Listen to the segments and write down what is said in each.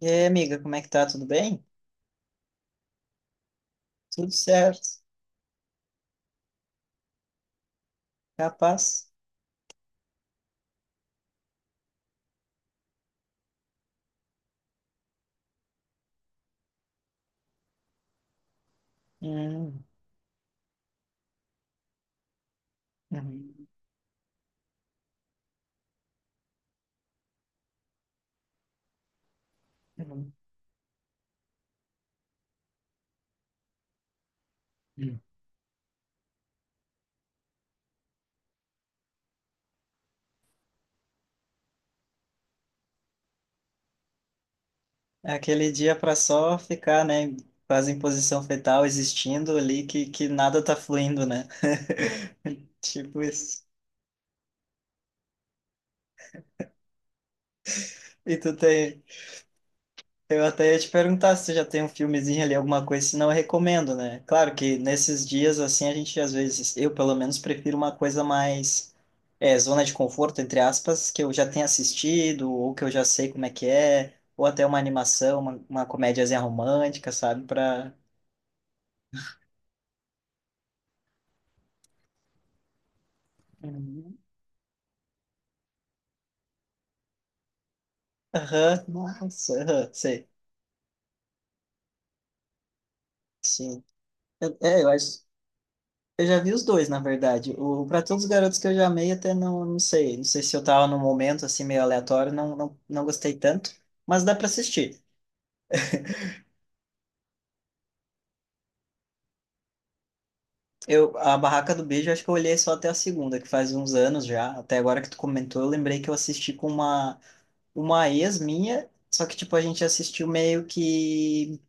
E aí, amiga, como é que tá? Tudo bem? Tudo certo. Capaz? Hum, uhum, uhum, uhum. É aquele dia para só ficar, né? Quase em posição fetal, existindo ali, que nada tá fluindo, né? Tipo isso. E tu tem, Eu até ia te perguntar se já tem um filmezinho ali, alguma coisa, senão eu recomendo, né? Claro que nesses dias, assim, a gente às vezes, eu pelo menos prefiro uma coisa mais zona de conforto, entre aspas, que eu já tenha assistido, ou que eu já sei como é que é, ou até uma animação, uma comédiazinha romântica, sabe? Pra. Uhum. Aham, nossa, aham, sei. Sim. É, eu acho. Eu já vi os dois, na verdade. O Pra Todos os Garotos que eu já amei, até não sei. Não sei se eu tava num momento assim meio aleatório, não gostei tanto, mas dá pra assistir. Eu, a Barraca do Beijo, acho que eu olhei só até a segunda, que faz uns anos já. Até agora que tu comentou, eu lembrei que eu assisti com uma ex minha, só que tipo, a gente assistiu meio que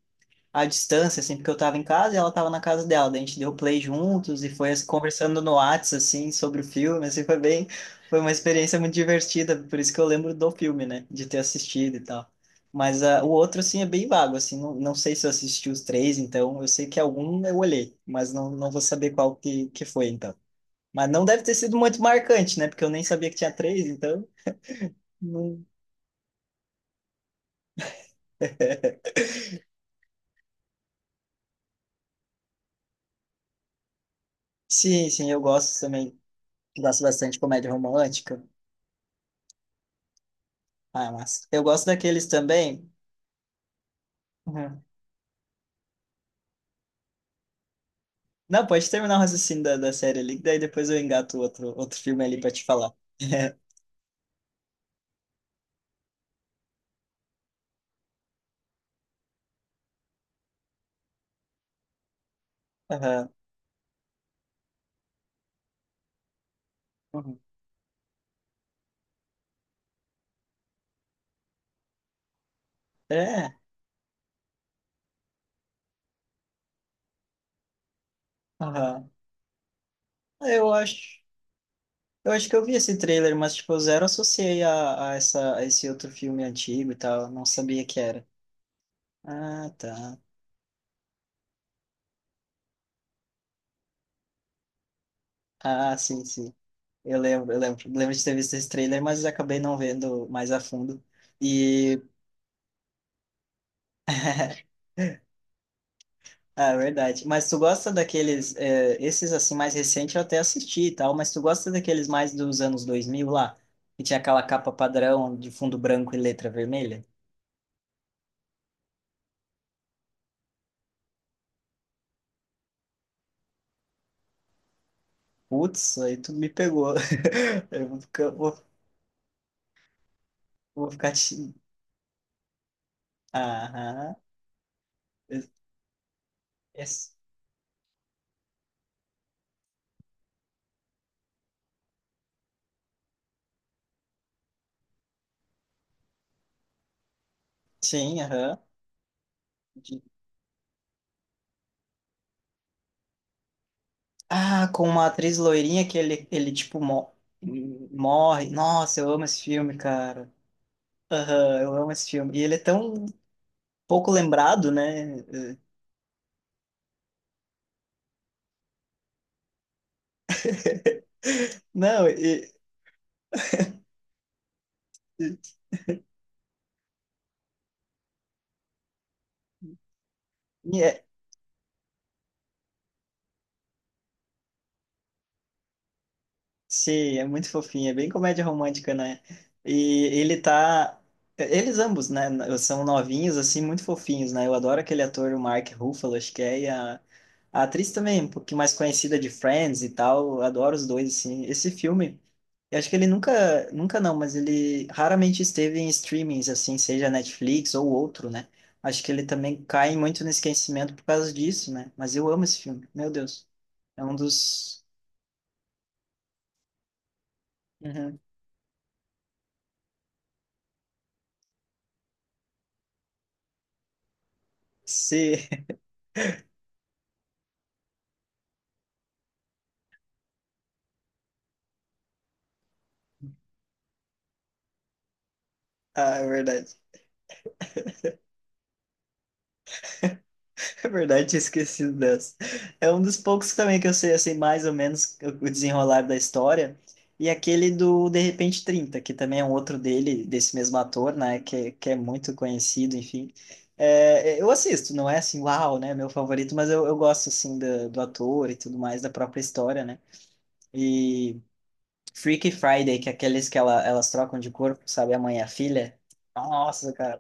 à distância, assim, porque eu tava em casa e ela tava na casa dela. Daí a gente deu play juntos e foi assim, conversando no Whats, assim, sobre o filme, assim, foi uma experiência muito divertida, por isso que eu lembro do filme, né, de ter assistido e tal. Mas ah, o outro, assim, é bem vago, assim, não sei se eu assisti os três, então eu sei que é algum eu olhei, mas não vou saber qual que foi, então. Mas não deve ter sido muito marcante, né, porque eu nem sabia que tinha três, então... não- Sim, sim, eu gosto também, gosto bastante de comédia romântica, ah, mas eu gosto daqueles também. Uhum. Não, pode terminar o raciocínio da série ali, que daí depois eu engato outro filme ali pra te falar. Aham. Uhum. É, aham. Eu acho, eu acho que eu vi esse trailer, mas tipo, eu zero associei a esse outro filme antigo e tal, não sabia que era. Ah, tá. Ah, sim, sim. Lembro de ter visto esse trailer, mas acabei não vendo mais a fundo. E Ah, é verdade. Mas tu gosta daqueles, esses assim mais recentes eu até assisti e tal, mas tu gosta daqueles mais dos anos 2000 lá, que tinha aquela capa padrão de fundo branco e letra vermelha? Putz, aí tu me pegou. Eu vou ficar, vou, vou ficar te... Aham. Es- Sim, aham. De- Ah, com uma atriz loirinha que ele tipo, morre. Nossa, eu amo esse filme, cara. Aham, eu amo esse filme. E ele é tão pouco lembrado, né? Não, e- é, Sim, é muito fofinho, é bem comédia romântica, né? E ele tá. Eles ambos, né? São novinhos, assim, muito fofinhos, né? Eu adoro aquele ator, o Mark Ruffalo, acho que é, e a atriz também, um pouquinho mais conhecida de Friends e tal. Eu adoro os dois, assim. Esse filme, eu acho que ele nunca, nunca não, mas ele raramente esteve em streamings, assim, seja Netflix ou outro, né? Acho que ele também cai muito no esquecimento por causa disso, né? Mas eu amo esse filme, meu Deus. É um dos. Uhum. Sim. Ah, é verdade. É verdade, tinha esquecido dessa. É um dos poucos também que eu sei, assim, mais ou menos o desenrolar da história. E aquele do De Repente Trinta que também é um outro dele, desse mesmo ator, né? Que é muito conhecido, enfim. Eu assisto, não é assim, uau, né? Meu favorito, mas eu gosto, assim, do ator e tudo mais, da própria história, né? E Freaky Friday, que é aqueles que elas trocam de corpo, sabe? A mãe e a filha. Nossa, cara,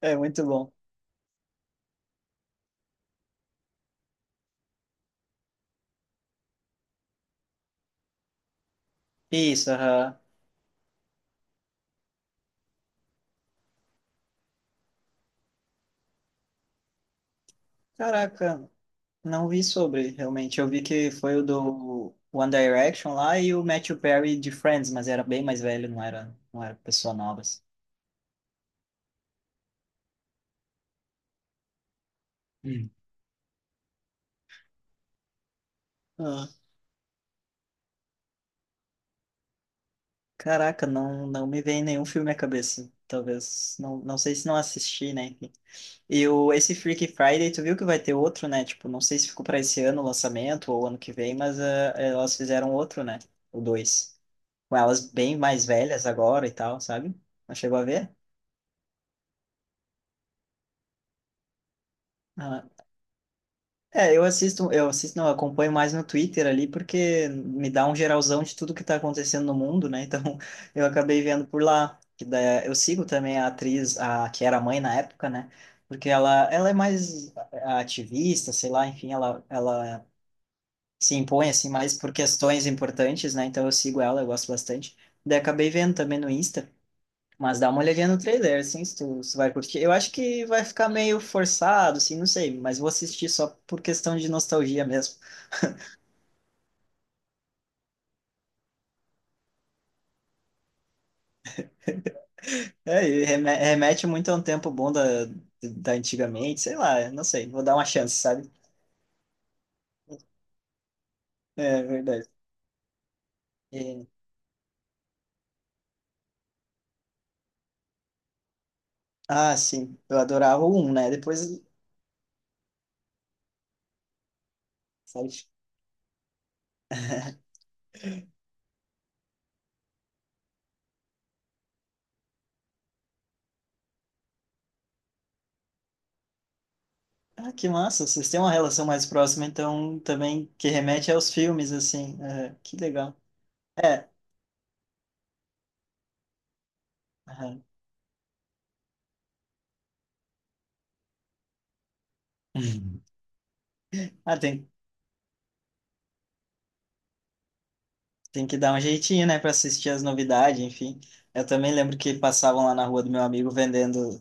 é muito bom. Isso, aham. Caraca, não vi sobre, realmente. Eu vi que foi o do One Direction lá e o Matthew Perry de Friends, mas era bem mais velho, não era pessoa nova. Assim. Hum. Ah, caraca, não me vem nenhum filme à cabeça. Talvez, não sei se não assisti, né? E o, esse Freaky Friday, tu viu que vai ter outro, né? Tipo, não sei se ficou para esse ano o lançamento ou ano que vem, mas ah, elas fizeram outro, né? O dois. Com elas bem mais velhas agora e tal, sabe? Não chegou a ver? Ah, é, eu assisto, não, eu acompanho mais no Twitter ali, porque me dá um geralzão de tudo que tá acontecendo no mundo, né? Então, eu acabei vendo por lá. Que daí, é, eu sigo também a atriz, que era mãe na época, né? Porque ela é mais ativista, sei lá, enfim, ela se impõe, assim, mais por questões importantes, né? Então, eu sigo ela, eu gosto bastante. Daí, acabei vendo também no Insta. Mas dá uma olhadinha no trailer, assim, se tu vai curtir. Eu acho que vai ficar meio forçado, assim, não sei, mas vou assistir só por questão de nostalgia mesmo. É, e remete muito a um tempo bom da antigamente, sei lá, não sei, vou dar uma chance, sabe? É verdade. E- ah, sim, eu adorava o um, né? Depois. Sabe? Ah, que massa, vocês têm uma relação mais próxima, então também que remete aos filmes, assim. Aham, que legal. É. Aham. Ah, tem, tem que dar um jeitinho, né, para assistir as novidades, enfim. Eu também lembro que passavam lá na rua do meu amigo vendendo.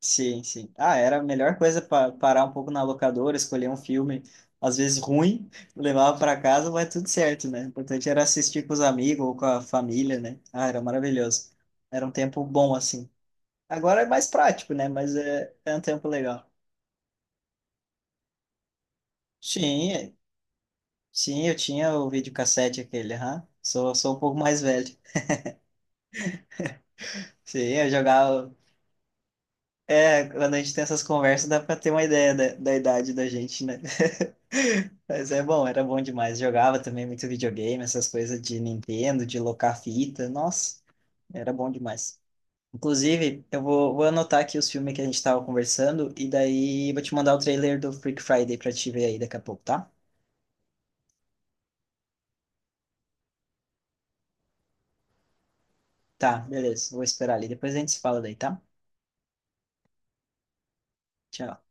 Sim, sim. Ah, era a melhor coisa para parar um pouco na locadora, escolher um filme, às vezes ruim, levava para casa, vai tudo certo, né? O importante era assistir com os amigos ou com a família, né? Ah, era maravilhoso. Era um tempo bom, assim. Agora é mais prático, né? Mas é um tempo legal. Sim, é- sim, eu tinha o videocassete aquele, aham. Sou um pouco mais velho. Sim, eu jogava. É, quando a gente tem essas conversas, dá pra ter uma ideia da idade da gente, né? Mas é bom, era bom demais. Jogava também muito videogame, essas coisas de Nintendo, de locar fita. Nossa, era bom demais. Inclusive, vou anotar aqui os filmes que a gente tava conversando e daí vou te mandar o trailer do Freak Friday pra te ver aí daqui a pouco, tá? Tá, beleza. Vou esperar ali. Depois a gente se fala daí, tá? Tchau.